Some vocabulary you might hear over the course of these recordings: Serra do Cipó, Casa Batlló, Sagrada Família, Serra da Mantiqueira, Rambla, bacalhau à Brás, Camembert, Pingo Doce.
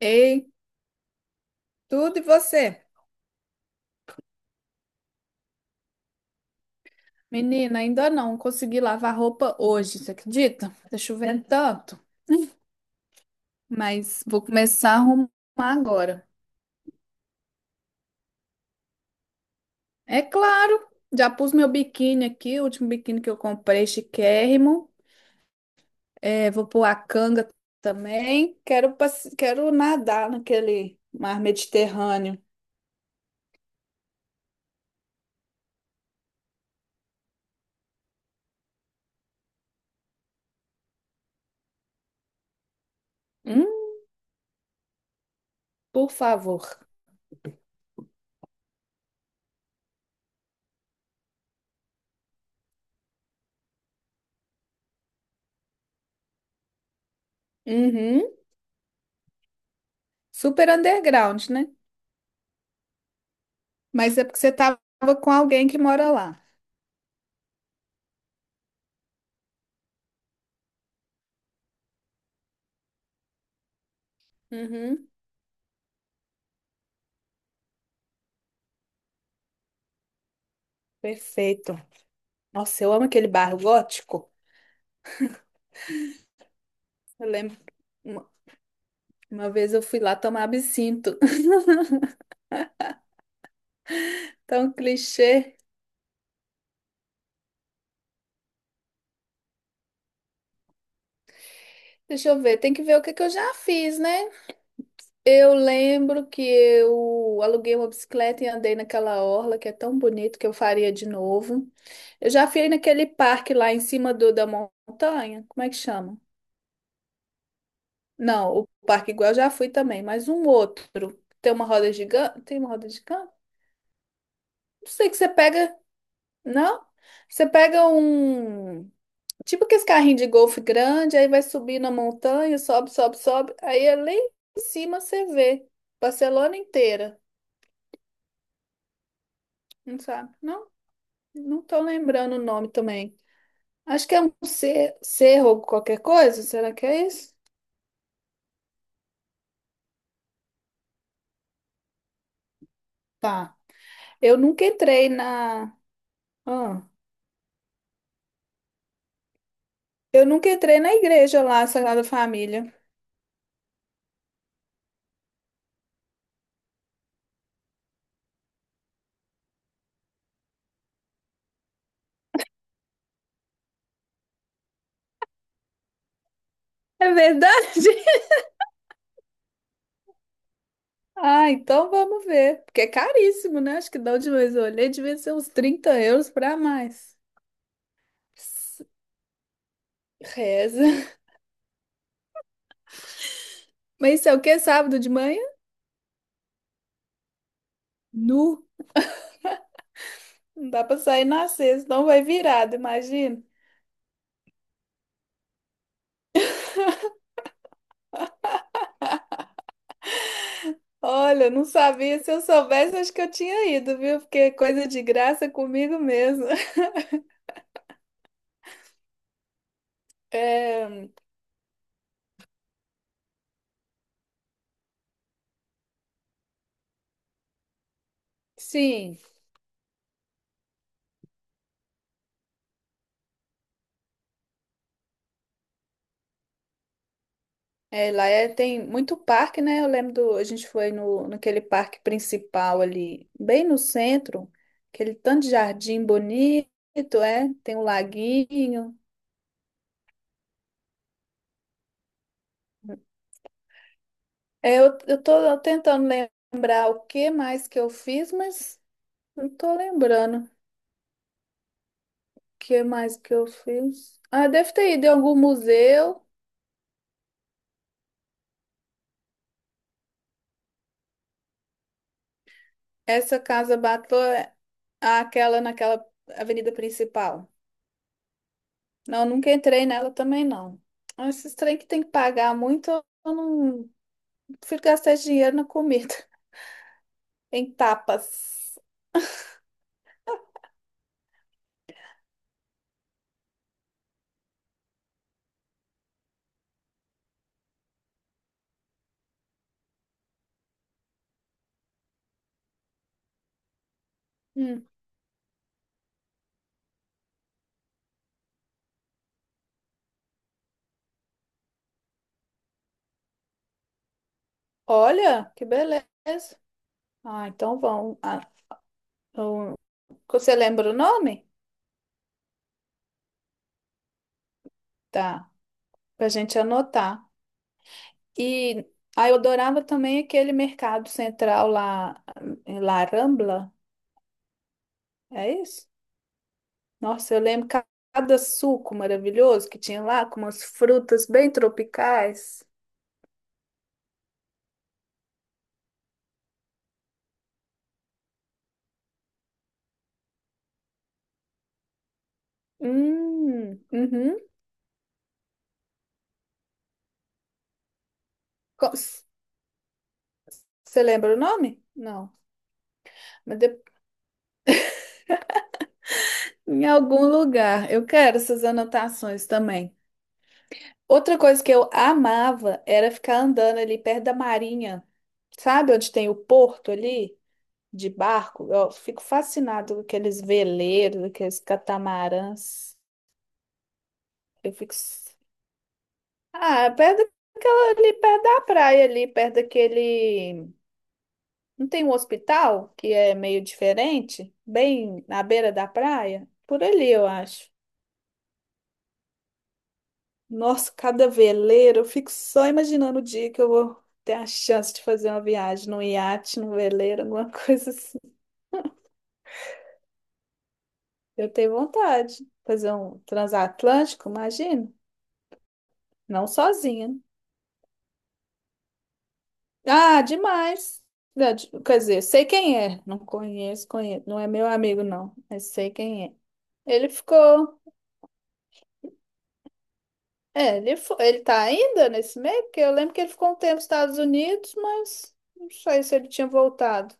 Ei, tudo e você? Menina, ainda não consegui lavar roupa hoje, você acredita? Tá chovendo tanto, mas vou começar a arrumar agora. É claro, já pus meu biquíni aqui, o último biquíni que eu comprei, chiquérrimo. É, vou pôr a canga também. Quero nadar naquele mar Mediterrâneo. Hum, por favor. Uhum. Super underground, né? Mas é porque você tava com alguém que mora lá. Uhum. Perfeito. Nossa, eu amo aquele bar gótico. Eu lembro que uma, uma vez eu fui lá tomar absinto. Tão clichê. Deixa eu ver, tem que ver o que que eu já fiz, né? Eu lembro que eu aluguei uma bicicleta e andei naquela orla que é tão bonito que eu faria de novo. Eu já fui naquele parque lá em cima da montanha. Como é que chama? Não, o parque igual eu já fui também, mas um outro. Tem uma roda gigante? Tem uma roda gigante? Não sei que você pega. Não? Você pega um. Tipo que esse carrinho de golfe grande, aí vai subir na montanha, sobe, sobe, sobe. Aí é lá em cima você vê Barcelona inteira. Não sabe? Não, não tô lembrando o nome também. Acho que é um cerro ou qualquer coisa. Será que é isso? Tá. Eu nunca entrei na. Ah, eu nunca entrei na igreja lá, Sagrada Família. É verdade? Ah, então vamos ver. Porque é caríssimo, né? Acho que da última vez eu olhei, devia ser uns €30 para mais. Reza. Mas isso é o quê? Sábado de manhã? Nu. Não dá pra sair na sexta, não vai virado, imagina. Olha, eu não sabia. Se eu soubesse, acho que eu tinha ido, viu? Porque é coisa de graça comigo mesmo. É, sim, é, tem muito parque, né? Eu lembro a gente foi no, naquele parque principal ali, bem no centro, aquele tanto de jardim bonito, é, tem um laguinho. É, eu tô tentando lembrar o que mais que eu fiz, mas não tô lembrando. Que mais que eu fiz? Ah, deve ter ido em algum museu. Essa casa Batlló, é aquela naquela avenida principal. Não, nunca entrei nela também, não. Ah, esses trem que tem que pagar muito, eu não prefiro gastar esse dinheiro na comida, em tapas. Hum. Olha, que beleza. Ah, então vão. Ah, eu- você lembra o nome? Tá, pra gente anotar. E aí eu adorava também aquele mercado central lá, lá Rambla, é isso? Nossa, eu lembro cada suco maravilhoso que tinha lá, com umas frutas bem tropicais. Uhum. Co- Você lembra o nome? Não. Mas em algum lugar. Eu quero essas anotações também. Outra coisa que eu amava era ficar andando ali perto da marinha. Sabe onde tem o porto ali? De barco, eu fico fascinado com aqueles veleiros, aqueles catamarãs. Eu fico. Ah, é perto daquela ali, perto da praia, ali, perto daquele. Não tem um hospital que é meio diferente? Bem na beira da praia? Por ali, eu acho. Nossa, cada veleiro, eu fico só imaginando o dia que eu vou ter a chance de fazer uma viagem num iate, num veleiro, alguma coisa assim. Eu tenho vontade. Fazer um transatlântico, imagino. Não sozinha. Ah, demais. Quer dizer, sei quem é. Não conheço, conheço. Não é meu amigo, não. Mas sei quem é. Ele ficou. É, ele tá ainda nesse meio? Porque eu lembro que ele ficou um tempo nos Estados Unidos, mas não sei se ele tinha voltado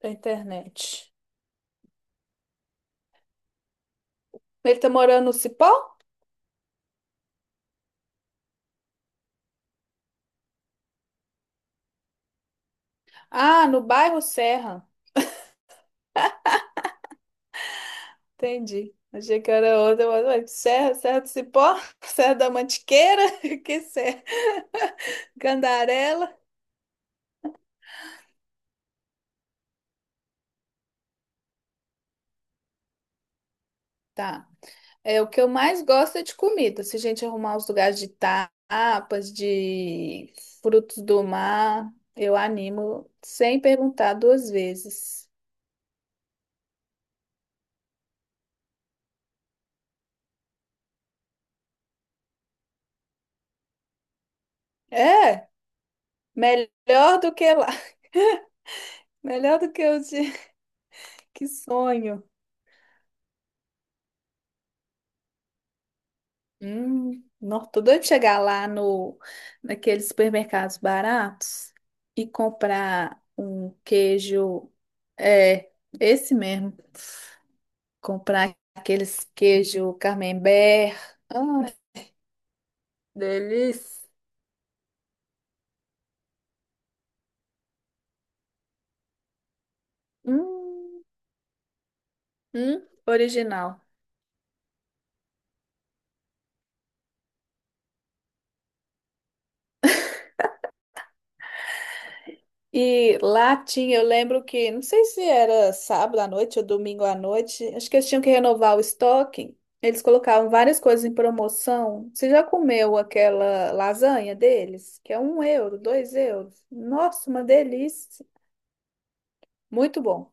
pra internet. Ele tá morando no Cipó? Ah, no bairro Serra. Entendi. Achei que era outra, mas ué, Serra, Serra do Cipó, Serra da Mantiqueira, que Serra? Candarela. Tá. É o que eu mais gosto é de comida. Se a gente arrumar os lugares de tapas, de frutos do mar, eu animo sem perguntar duas vezes. É, melhor do que lá. Melhor do que eu de... que sonho. Não, tô doido de chegar lá no naqueles supermercados baratos e comprar um queijo, é, esse mesmo, comprar aqueles queijo Camembert. Ah, delícia. Hum, original. E lá tinha, eu lembro que, não sei se era sábado à noite ou domingo à noite, acho que eles tinham que renovar o estoque. Eles colocavam várias coisas em promoção. Você já comeu aquela lasanha deles? Que é €1, €2. Nossa, uma delícia. Muito bom.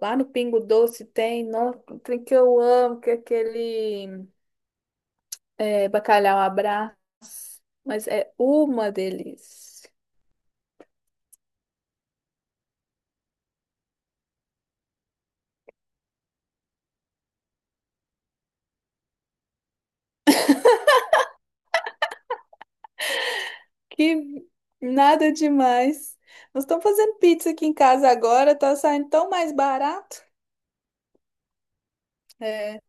Lá no Pingo Doce tem, nossa, tem que eu amo, que é aquele bacalhau à Brás. Mas é uma delícia. Que nada demais. Nós estamos fazendo pizza aqui em casa agora, tá saindo tão mais barato. É,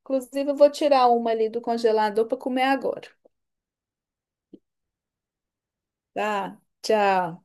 inclusive, eu vou tirar uma ali do congelador para comer agora. Tá, tchau.